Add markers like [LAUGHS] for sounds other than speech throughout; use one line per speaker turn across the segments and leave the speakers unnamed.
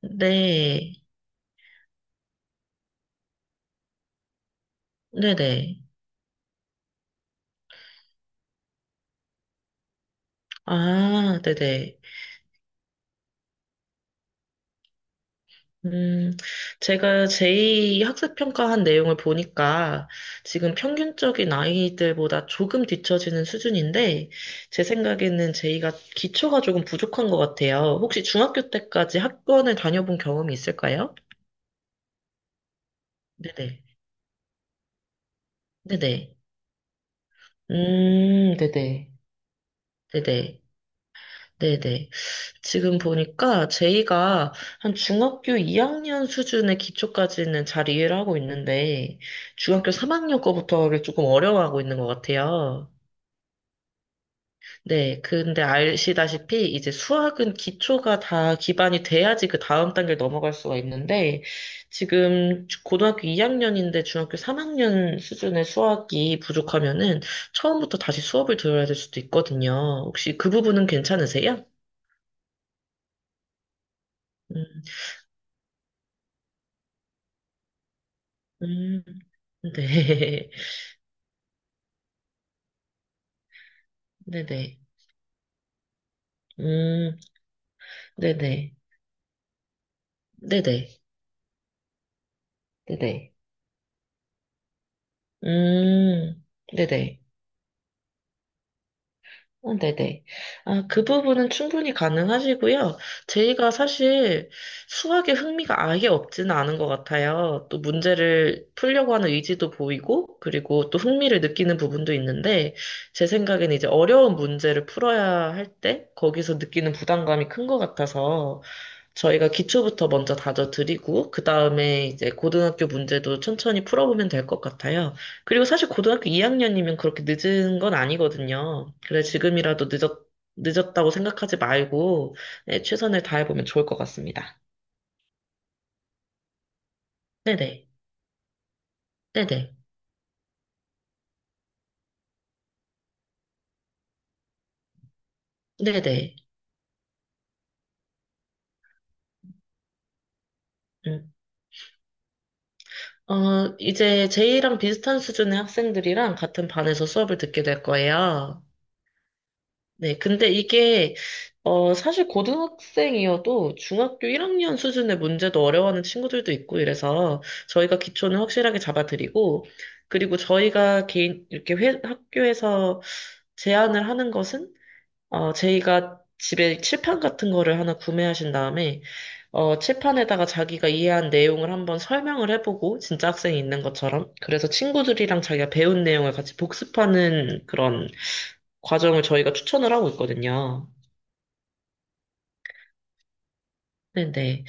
네, 네네. 아, 네네. 음, 제가 제2학습평가한 내용을 보니까 지금 평균적인 아이들보다 조금 뒤처지는 수준인데, 제 생각에는 제2가 기초가 조금 부족한 것 같아요. 혹시 중학교 때까지 학원을 다녀본 경험이 있을까요? 네네. 네네. 네네. 네네. 네네. 지금 보니까 제이가 한 중학교 2학년 수준의 기초까지는 잘 이해를 하고 있는데, 중학교 3학년 거부터 가 조금 어려워하고 있는 것 같아요. 네, 근데 아시다시피 이제 수학은 기초가 다 기반이 돼야지 그 다음 단계를 넘어갈 수가 있는데, 지금 고등학교 2학년인데 중학교 3학년 수준의 수학이 부족하면은 처음부터 다시 수업을 들어야 될 수도 있거든요. 혹시 그 부분은 괜찮으세요? 음. 음, 네. [LAUGHS] 네네. 음, 네네. 네네. 네네. 음, 네네. 네네. 아, 그 부분은 충분히 가능하시고요. 제이가 사실 수학에 흥미가 아예 없지는 않은 것 같아요. 또 문제를 풀려고 하는 의지도 보이고, 그리고 또 흥미를 느끼는 부분도 있는데, 제 생각는 이제 어려운 문제를 풀어야 할 때, 거기서 느끼는 부담감이 큰 것 같아서, 저희가 기초부터 먼저 다져드리고, 그 다음에 이제 고등학교 문제도 천천히 풀어보면 될 것 같아요. 그리고 사실 고등학교 2학년이면 그렇게 늦은 건 아니거든요. 그래, 지금이라도 늦었다고 생각하지 말고, 네, 최선을 다해보면 좋을 것 같습니다. 네네. 네네. 네네. 음. 이제 제이랑 비슷한 수준의 학생들이랑 같은 반에서 수업을 듣게 될 거예요. 네, 근데 이게, 사실 고등학생이어도 중학교 1학년 수준의 문제도 어려워하는 친구들도 있고 이래서 저희가 기초는 확실하게 잡아드리고, 그리고 저희가 개인, 이렇게 학교에서 제안을 하는 것은, 제이가 집에 칠판 같은 거를 하나 구매하신 다음에, 칠판에다가 자기가 이해한 내용을 한번 설명을 해보고, 진짜 학생이 있는 것처럼. 그래서 친구들이랑 자기가 배운 내용을 같이 복습하는 그런 과정을 저희가 추천을 하고 있거든요. 네네.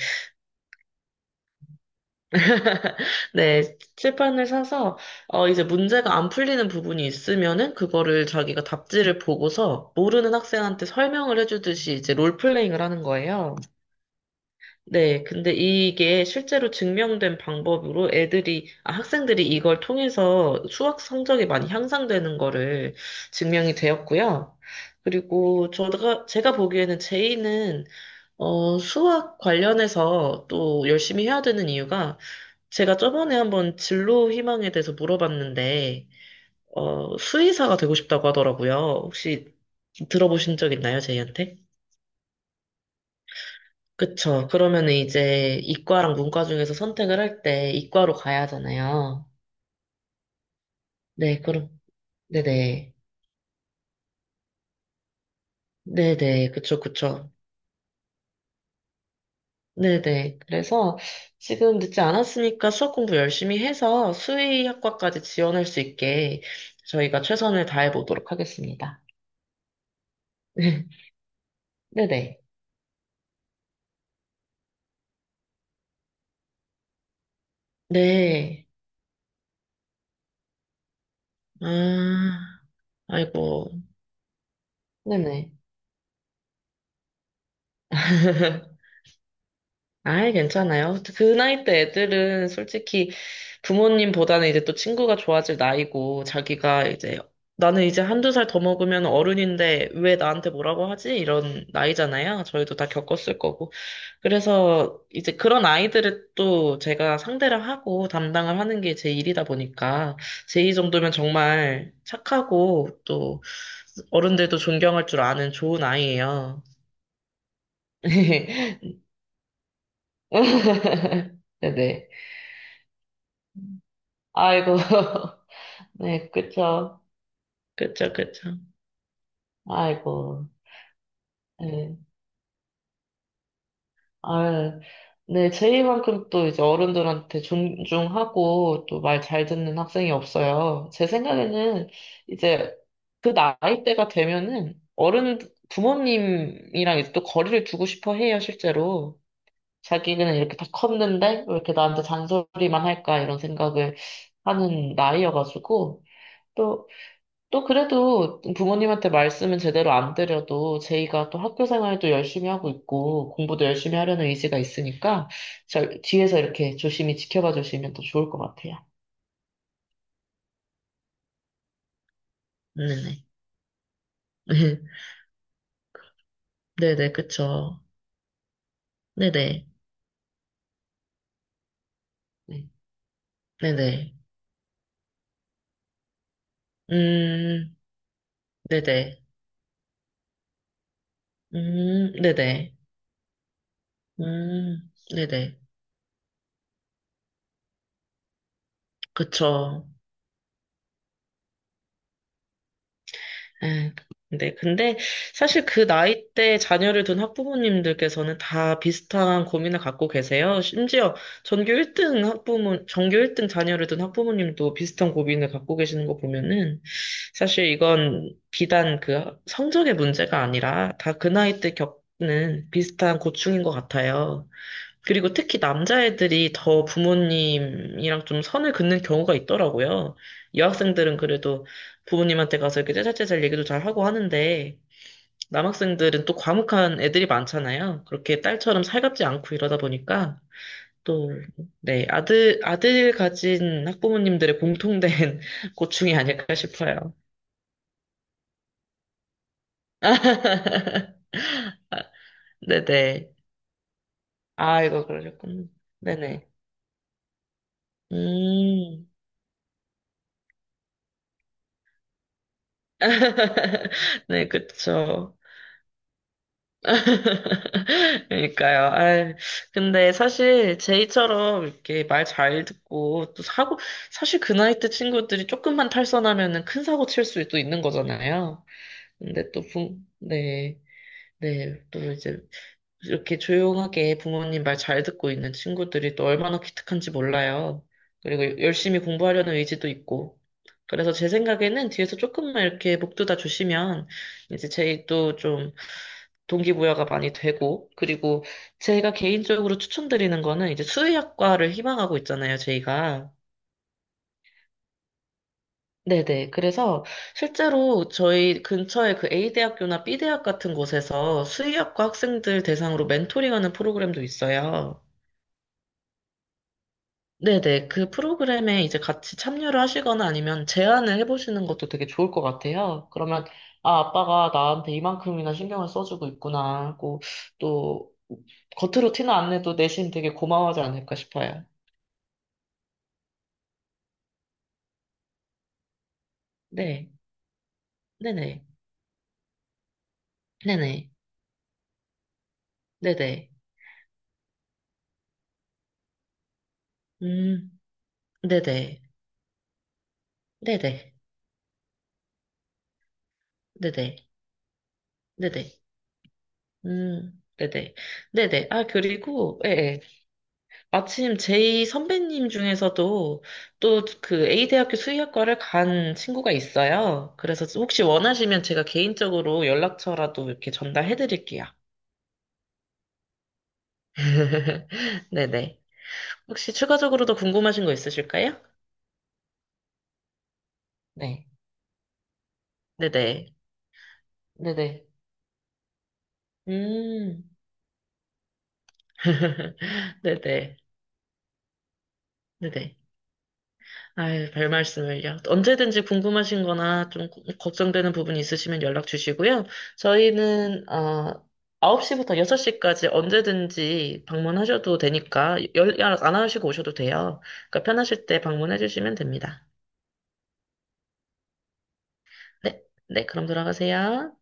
네, 칠판을 사서, 이제 문제가 안 풀리는 부분이 있으면은, 그거를 자기가 답지를 보고서, 모르는 학생한테 설명을 해주듯이 이제 롤플레잉을 하는 거예요. 네, 근데 이게 실제로 증명된 방법으로 애들이, 아, 학생들이 이걸 통해서 수학 성적이 많이 향상되는 거를 증명이 되었고요. 그리고 제가 보기에는 제이는, 수학 관련해서 또 열심히 해야 되는 이유가 제가 저번에 한번 진로 희망에 대해서 물어봤는데, 수의사가 되고 싶다고 하더라고요. 혹시 들어보신 적 있나요, 제이한테? 그쵸. 그러면은 이제 이과랑 문과 중에서 선택을 할 때 이과로 가야 하잖아요. 네, 그럼, 네네. 네네. 그쵸, 그쵸. 네네. 그래서 지금 늦지 않았으니까 수학 공부 열심히 해서 수의학과까지 지원할 수 있게 저희가 최선을 다해 보도록 하겠습니다. [LAUGHS] 네네. 네. 아, 아이고. 네네. [LAUGHS] 아이, 괜찮아요. 그 나이 때 애들은 솔직히 부모님보다는 이제 또 친구가 좋아질 나이고, 자기가 이제, 나는 이제 한두 살 더 먹으면 어른인데 왜 나한테 뭐라고 하지? 이런 나이잖아요. 저희도 다 겪었을 거고. 그래서 이제 그런 아이들을 또 제가 상대를 하고 담당을 하는 게 제 일이다 보니까, 제이 정도면 정말 착하고, 또 어른들도 존경할 줄 아는 좋은 아이예요. [LAUGHS] 네네. 아이고. [LAUGHS] 네, 그쵸. 그쵸, 그쵸. 아이고. 네. 아, 네, 제이만큼 또 이제 어른들한테 존중하고 또 말 잘 듣는 학생이 없어요. 제 생각에는 이제 그 나이대가 되면은 어른, 부모님이랑 이제 또 거리를 두고 싶어 해요, 실제로. 자기는 이렇게 다 컸는데 왜 이렇게 나한테 잔소리만 할까 이런 생각을 하는 나이여가지고. 또 그래도 부모님한테 말씀은 제대로 안 드려도 제이가 또 학교 생활도 열심히 하고 있고 공부도 열심히 하려는 의지가 있으니까 저 뒤에서 이렇게 조심히 지켜봐 주시면 더 좋을 것 같아요. 네네. [LAUGHS] 네네, 그쵸. 네네. 네. 네네. 음, 네네. 네네. 네네. 그쵸. 예, 네, 근데 사실 그 나이 대 자녀를 둔 학부모님들께서는 다 비슷한 고민을 갖고 계세요. 심지어 전교 1등 학부모, 전교 1등 자녀를 둔 학부모님도 비슷한 고민을 갖고 계시는 거 보면은 사실 이건 비단 그 성적의 문제가 아니라 다 그 나이 때 겪는 비슷한 고충인 것 같아요. 그리고 특히 남자애들이 더 부모님이랑 좀 선을 긋는 경우가 있더라고요. 여학생들은 그래도 부모님한테 가서 이렇게 째잘째잘 얘기도 잘 하고 하는데, 남학생들은 또 과묵한 애들이 많잖아요. 그렇게 딸처럼 살갑지 않고 이러다 보니까, 또, 네, 아들 가진 학부모님들의 공통된 [LAUGHS] 고충이 아닐까 싶어요. [LAUGHS] 네네. 아, 이거 그러셨군. 네네. 음, [LAUGHS] 네, 그쵸. 그러니까요. 아, 근데 사실 제이처럼 이렇게 말 잘 듣고 또 사고 사실 그 나이 때 친구들이 조금만 탈선하면은 큰 사고 칠 수도 있는 거잖아요. 근데 또 네, 네, 또 이제 이렇게 조용하게 부모님 말 잘 듣고 있는 친구들이 또 얼마나 기특한지 몰라요. 그리고 열심히 공부하려는 의지도 있고. 그래서 제 생각에는 뒤에서 조금만 이렇게 목 두다 주시면 이제 제이 또좀 동기부여가 많이 되고, 그리고 제가 개인적으로 추천드리는 거는 이제 수의학과를 희망하고 있잖아요, 저희가. 네네. 그래서 실제로 저희 근처에 그 A대학교나 B대학 같은 곳에서 수의학과 학생들 대상으로 멘토링하는 프로그램도 있어요. 네네. 그 프로그램에 이제 같이 참여를 하시거나 아니면 제안을 해보시는 것도 되게 좋을 것 같아요. 그러면, 아, 아빠가 나한테 이만큼이나 신경을 써주고 있구나 하고, 또, 겉으로 티는 안 내도 내심 되게 고마워하지 않을까 싶어요. 네. 네네. 네네. 네네. 음, 네네. 네네. 네네. 네네. 네네. 네네. 아, 그리고, 예, 예. 마침 제이 선배님 중에서도 또 그 A대학교 수의학과를 간 친구가 있어요. 그래서 혹시 원하시면 제가 개인적으로 연락처라도 이렇게 전달해 드릴게요. [LAUGHS] 네네. 혹시 추가적으로 더 궁금하신 거 있으실까요? 네. 네네. 네네. 음. [LAUGHS] 네네. 네네. 아이, 별 말씀을요. 언제든지 궁금하신 거나 좀 걱정되는 부분이 있으시면 연락 주시고요. 저희는, 9시부터 6시까지 언제든지 방문하셔도 되니까 연락 안 하시고 오셔도 돼요. 그러니까 편하실 때 방문해 주시면 됩니다. 네, 네, 그럼 들어가세요.